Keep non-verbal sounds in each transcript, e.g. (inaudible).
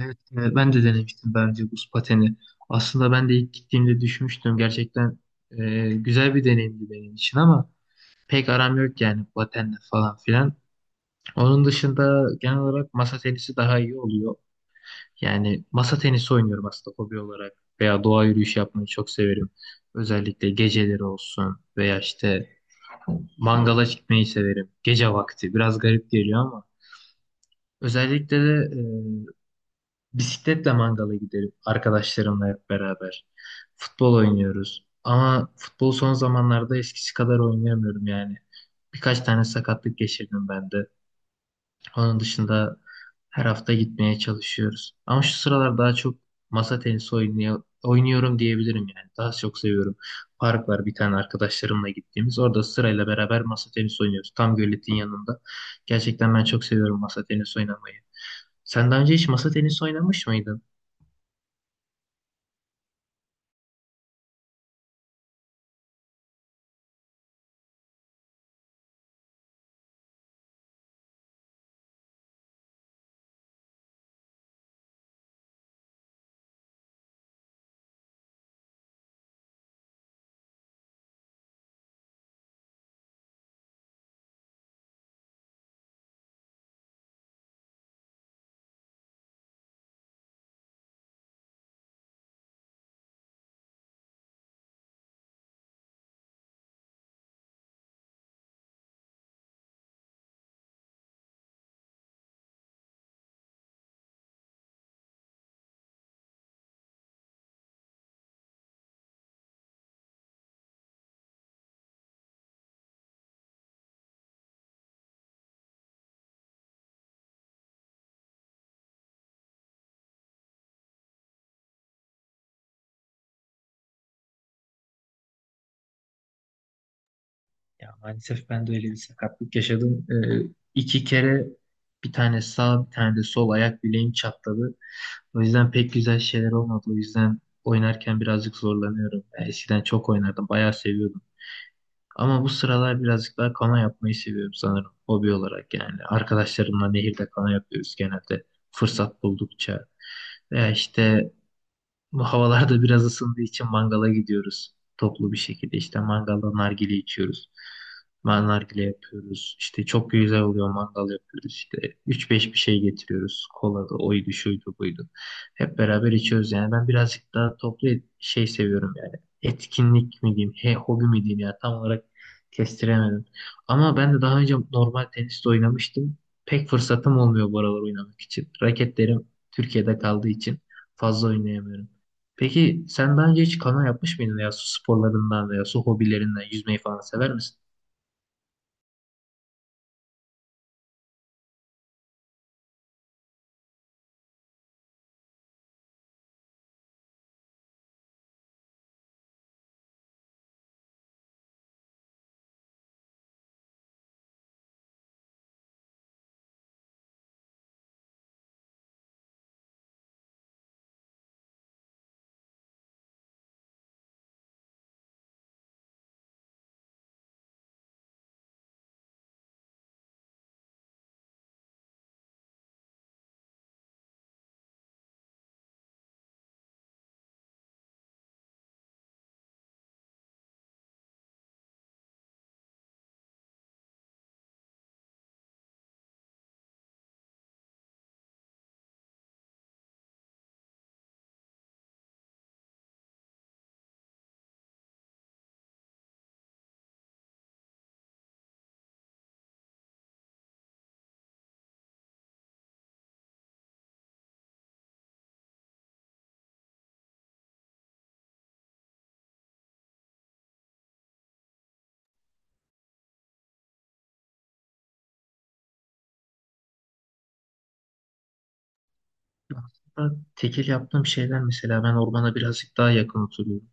Evet, ben de denemiştim daha buz pateni. Aslında ben de ilk gittiğimde düşmüştüm. Gerçekten güzel bir deneyimdi benim için ama pek aram yok yani patenle falan filan. Onun dışında genel olarak masa tenisi daha iyi oluyor. Yani masa tenisi oynuyorum aslında hobi olarak veya doğa yürüyüşü yapmayı çok severim. Özellikle geceleri olsun veya işte mangala gitmeyi severim. Gece vakti biraz garip geliyor ama özellikle de e, Bisikletle mangala giderim arkadaşlarımla hep beraber. Futbol oynuyoruz. Ama futbol son zamanlarda eskisi kadar oynayamıyorum yani. Birkaç tane sakatlık geçirdim ben de. Onun dışında her hafta gitmeye çalışıyoruz. Ama şu sıralar daha çok masa tenisi oynuyorum diyebilirim yani. Daha çok seviyorum. Park var bir tane arkadaşlarımla gittiğimiz. Orada sırayla beraber masa tenisi oynuyoruz. Tam göletin yanında. Gerçekten ben çok seviyorum masa tenisi oynamayı. Sen daha önce hiç masa tenisi oynamış mıydın? Ya maalesef ben de öyle bir sakatlık yaşadım. İki kere bir tane sağ bir tane de sol ayak bileğim çatladı. O yüzden pek güzel şeyler olmadı. O yüzden oynarken birazcık zorlanıyorum. Ben eskiden çok oynardım. Bayağı seviyordum. Ama bu sıralar birazcık daha kana yapmayı seviyorum sanırım. Hobi olarak yani. Arkadaşlarımla nehirde kana yapıyoruz genelde. Fırsat buldukça. Veya işte bu havalarda biraz ısındığı için mangala gidiyoruz. Toplu bir şekilde işte mangalda nargile içiyoruz. Ben nargile yapıyoruz. İşte çok güzel oluyor mangal yapıyoruz. İşte üç beş bir şey getiriyoruz. Kola da oydu şuydu buydu. Hep beraber içiyoruz yani. Ben birazcık daha toplu şey seviyorum yani. Etkinlik mi diyeyim, hobi mi diyeyim ya tam olarak kestiremedim. Ama ben de daha önce normal tenis de oynamıştım. Pek fırsatım olmuyor bu aralar oynamak için. Raketlerim Türkiye'de kaldığı için fazla oynayamıyorum. Peki sen daha önce hiç kano yapmış mıydın ya su sporlarından veya su hobilerinden yüzmeyi falan sever misin? Aslında tekil yaptığım şeyler mesela ben ormana birazcık daha yakın oturuyorum.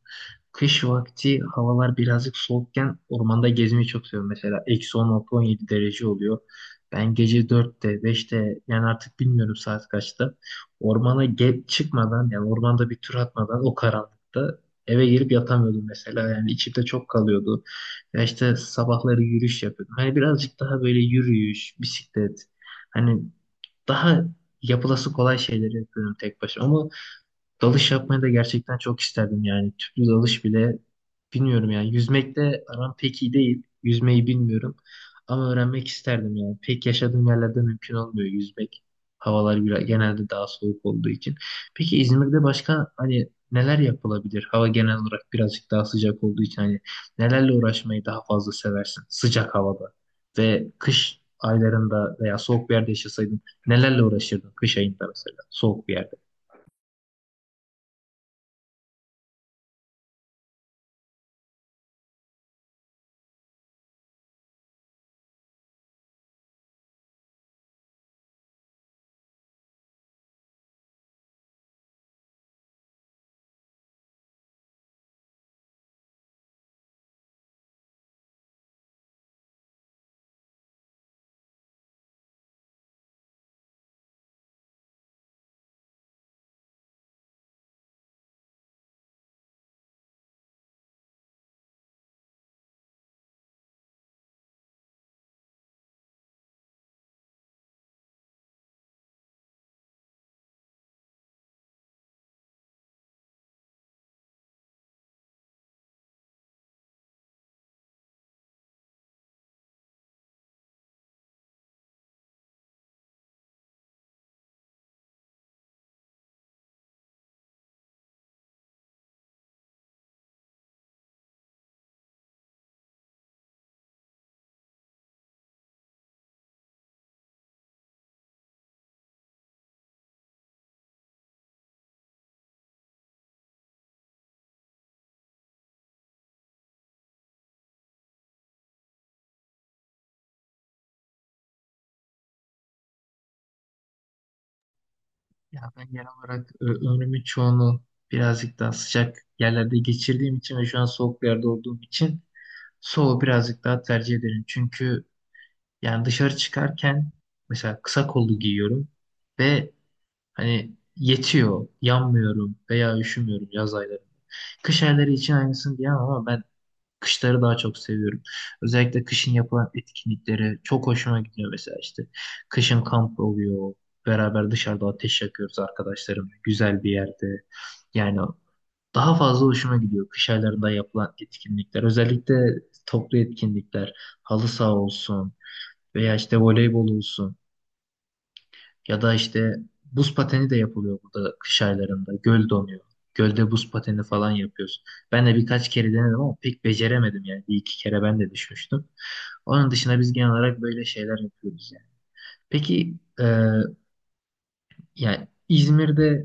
Kış vakti havalar birazcık soğukken ormanda gezmeyi çok seviyorum. Mesela -10, altı 17 derece oluyor. Ben gece 4'te, 5'te, yani artık bilmiyorum saat kaçta ormana çıkmadan yani ormanda bir tur atmadan o karanlıkta eve gelip yatamıyordum mesela. Yani içimde çok kalıyordu. Ya işte sabahları yürüyüş yapıyordum. Hani birazcık daha böyle yürüyüş, bisiklet hani daha yapılası kolay şeyleri yapıyorum tek başıma. Ama dalış yapmayı da gerçekten çok isterdim yani. Tüplü dalış bile bilmiyorum yani. Yüzmekte aram pek iyi değil. Yüzmeyi bilmiyorum. Ama öğrenmek isterdim yani. Pek yaşadığım yerlerde mümkün olmuyor yüzmek. Havalar genelde daha soğuk olduğu için. Peki İzmir'de başka hani neler yapılabilir? Hava genel olarak birazcık daha sıcak olduğu için hani nelerle uğraşmayı daha fazla seversin sıcak havada ve kış aylarında veya soğuk bir yerde yaşasaydın nelerle uğraşırdın kış ayında mesela soğuk bir yerde? Ya ben genel olarak ömrümün çoğunu birazcık daha sıcak yerlerde geçirdiğim için ve şu an soğuk bir yerde olduğum için soğuğu birazcık daha tercih ederim. Çünkü yani dışarı çıkarken mesela kısa kollu giyiyorum ve hani yetiyor, yanmıyorum veya üşümüyorum yaz ayları. Kış ayları için aynısını diyemem ama ben kışları daha çok seviyorum. Özellikle kışın yapılan etkinlikleri çok hoşuma gidiyor mesela işte. Kışın kamp oluyor. Beraber dışarıda ateş yakıyoruz arkadaşlarımla. Güzel bir yerde. Yani daha fazla hoşuma gidiyor kış aylarında yapılan etkinlikler. Özellikle toplu etkinlikler. Halı saha olsun veya işte voleybol olsun. Ya da işte buz pateni de yapılıyor burada kış aylarında. Göl donuyor. Gölde buz pateni falan yapıyoruz. Ben de birkaç kere denedim ama pek beceremedim yani. Bir iki kere ben de düşmüştüm. Onun dışında biz genel olarak böyle şeyler yapıyoruz yani. Peki yani İzmir'de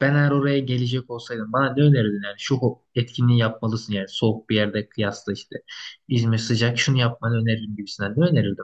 ben eğer oraya gelecek olsaydım bana ne önerirdin yani şu etkinliği yapmalısın yani soğuk bir yerde kıyasla işte İzmir sıcak şunu yapmanı öneririm gibisinden ne önerirdin?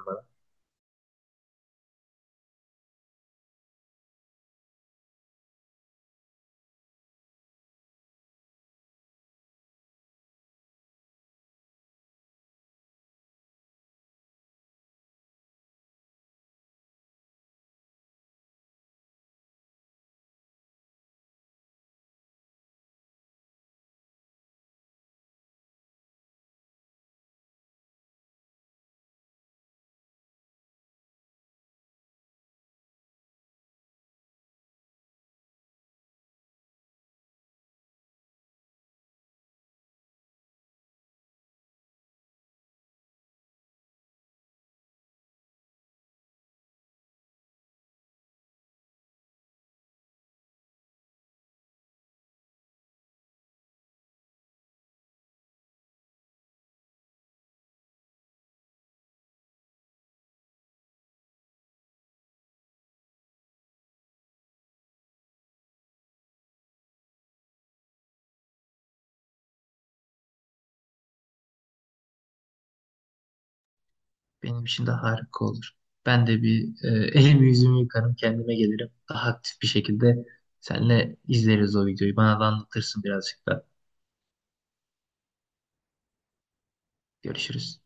Benim için de harika olur. Ben de bir (laughs) elimi yüzümü yıkarım, kendime gelirim. Daha aktif bir şekilde seninle izleriz o videoyu. Bana da anlatırsın birazcık da. Görüşürüz.